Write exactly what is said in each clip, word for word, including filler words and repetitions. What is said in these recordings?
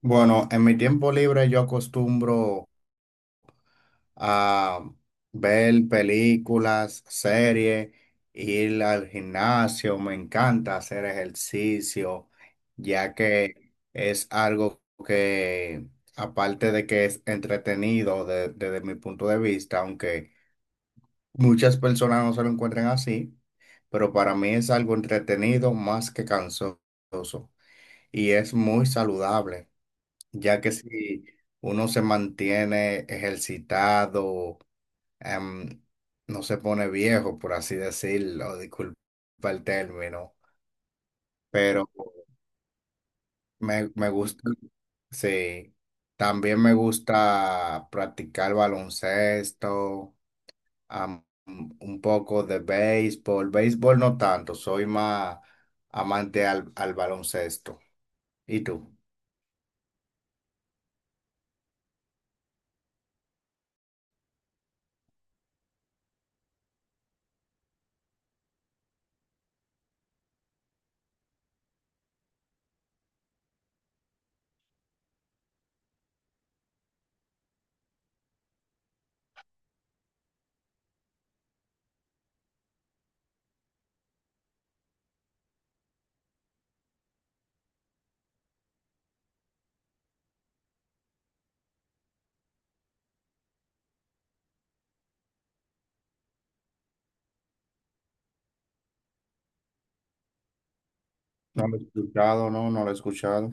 Bueno, en mi tiempo libre yo acostumbro a ver películas, series, ir al gimnasio, me encanta hacer ejercicio, ya que es algo que, aparte de que es entretenido de- desde mi punto de vista, aunque muchas personas no se lo encuentren así, pero para mí es algo entretenido más que cansoso y es muy saludable ya que si uno se mantiene ejercitado, em, no se pone viejo, por así decirlo, disculpa el término, pero me, me gusta, sí, también me gusta practicar baloncesto, am- un poco de béisbol, béisbol no tanto, soy más amante al, al baloncesto. ¿Y tú? ¿No lo he escuchado? No, no lo he escuchado.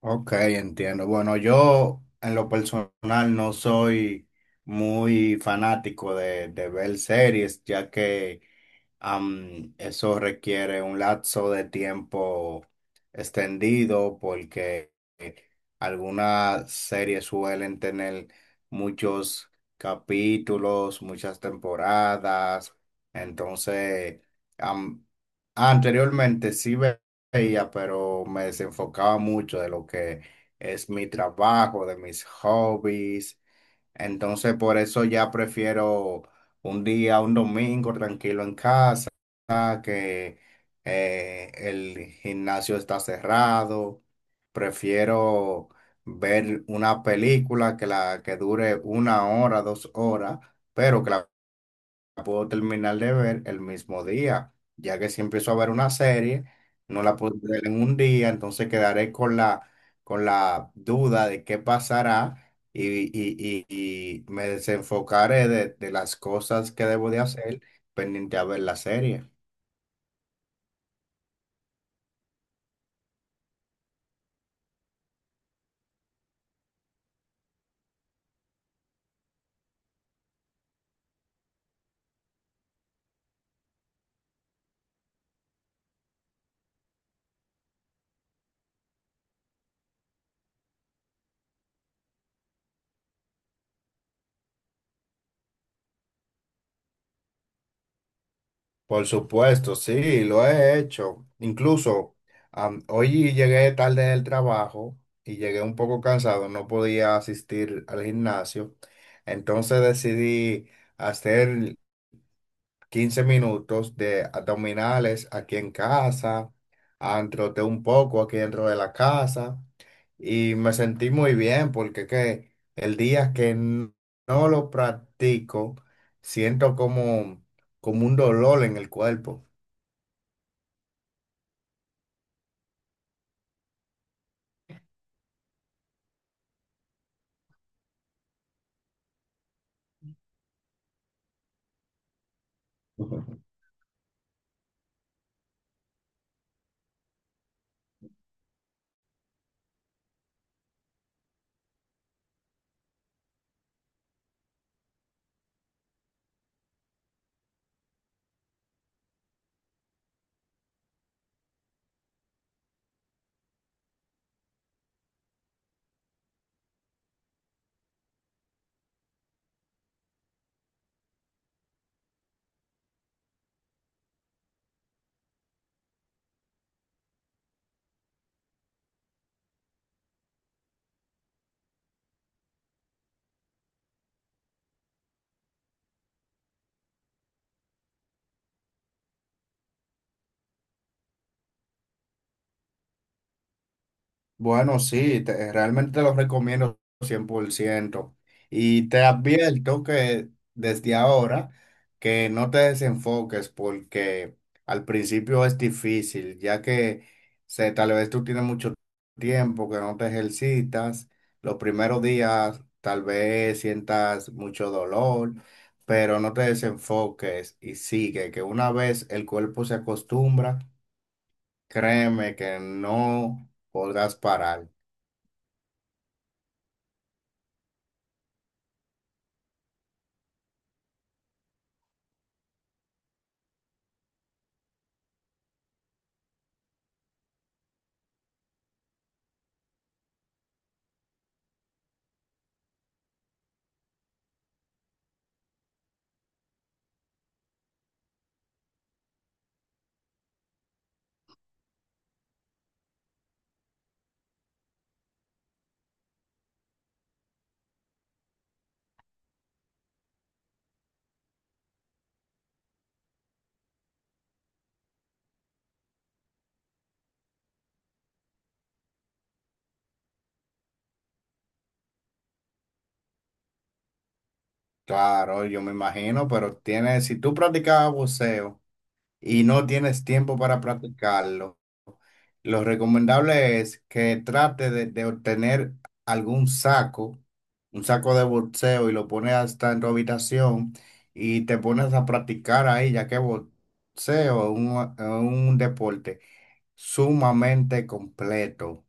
Ok, entiendo. Bueno, yo en lo personal no soy muy fanático de, de ver series, ya que Am, eso requiere un lapso de tiempo extendido porque eh, algunas series suelen tener muchos capítulos, muchas temporadas. Entonces, am, anteriormente sí ve- veía, pero me desenfocaba mucho de lo que es mi trabajo, de mis hobbies, entonces, por eso ya prefiero un día, un domingo tranquilo en casa, que eh, el gimnasio está cerrado. Prefiero ver una película que la que dure una hora, dos horas, pero que la la puedo terminar de ver el mismo día, ya que si empiezo a ver una serie, no la puedo ver en un día, entonces quedaré con la, con la duda de qué pasará y, y- y- y me desenfocaré de, de las cosas que debo de hacer pendiente a ver la serie. Por supuesto, sí, lo he hecho. Incluso am, hoy llegué tarde del trabajo y llegué un poco cansado, no podía asistir al gimnasio. Entonces decidí hacer quince minutos de abdominales aquí en casa, ah, troté un poco aquí dentro de la casa y me sentí muy bien porque que el día que n- no lo practico, siento como, como un dolor en el cuerpo. Bueno, sí, te- realmente te lo recomiendo cien por ciento. Y te advierto que desde ahora, que no te desenfoques porque al principio es difícil, ya que se, tal vez tú tienes mucho tiempo que no te ejercitas. Los primeros días tal vez sientas mucho dolor, pero no te desenfoques y sigue, que una vez el cuerpo se acostumbra. Créeme que no podrás parar. Claro, yo me imagino, pero tienes, si tú practicabas boxeo y no tienes tiempo para practicarlo, lo recomendable es que trate de, de obtener algún saco, un saco de boxeo y lo pones hasta en tu habitación y te pones a practicar ahí, ya que boxeo es un es un deporte sumamente completo.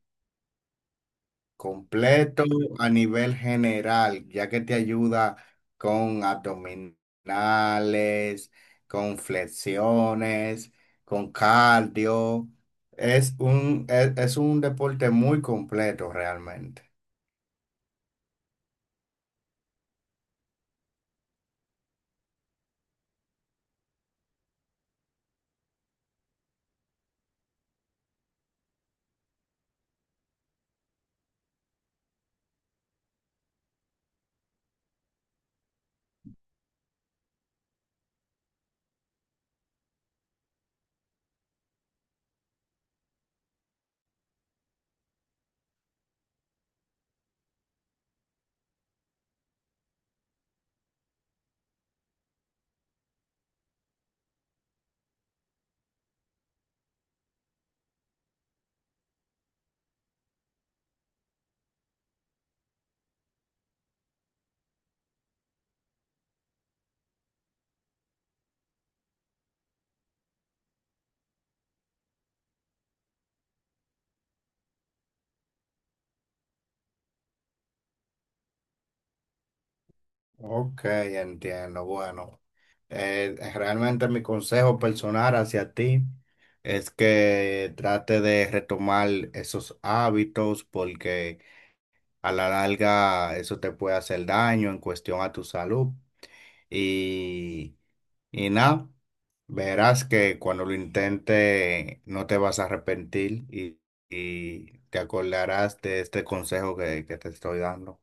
Completo a nivel general, ya que te ayuda con abdominales, con flexiones, con cardio. Es un, es, es un deporte muy completo realmente. Ok, entiendo. Bueno, eh, realmente mi consejo personal hacia ti es que trate de retomar esos hábitos porque a la larga, eso te puede hacer daño en cuestión a tu salud. Y, y nada, verás que cuando lo intentes no te vas a arrepentir y, y te acordarás de este consejo que, que te estoy dando.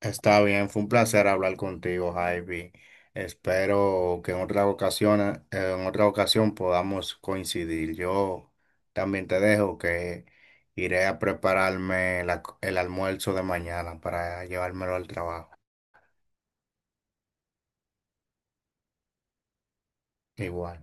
Está bien, fue un placer hablar contigo, Javi. Espero que en otra ocasión, en otra ocasión podamos coincidir. Yo también te dejo que iré a prepararme la- el almuerzo de mañana para llevármelo al trabajo. Igual.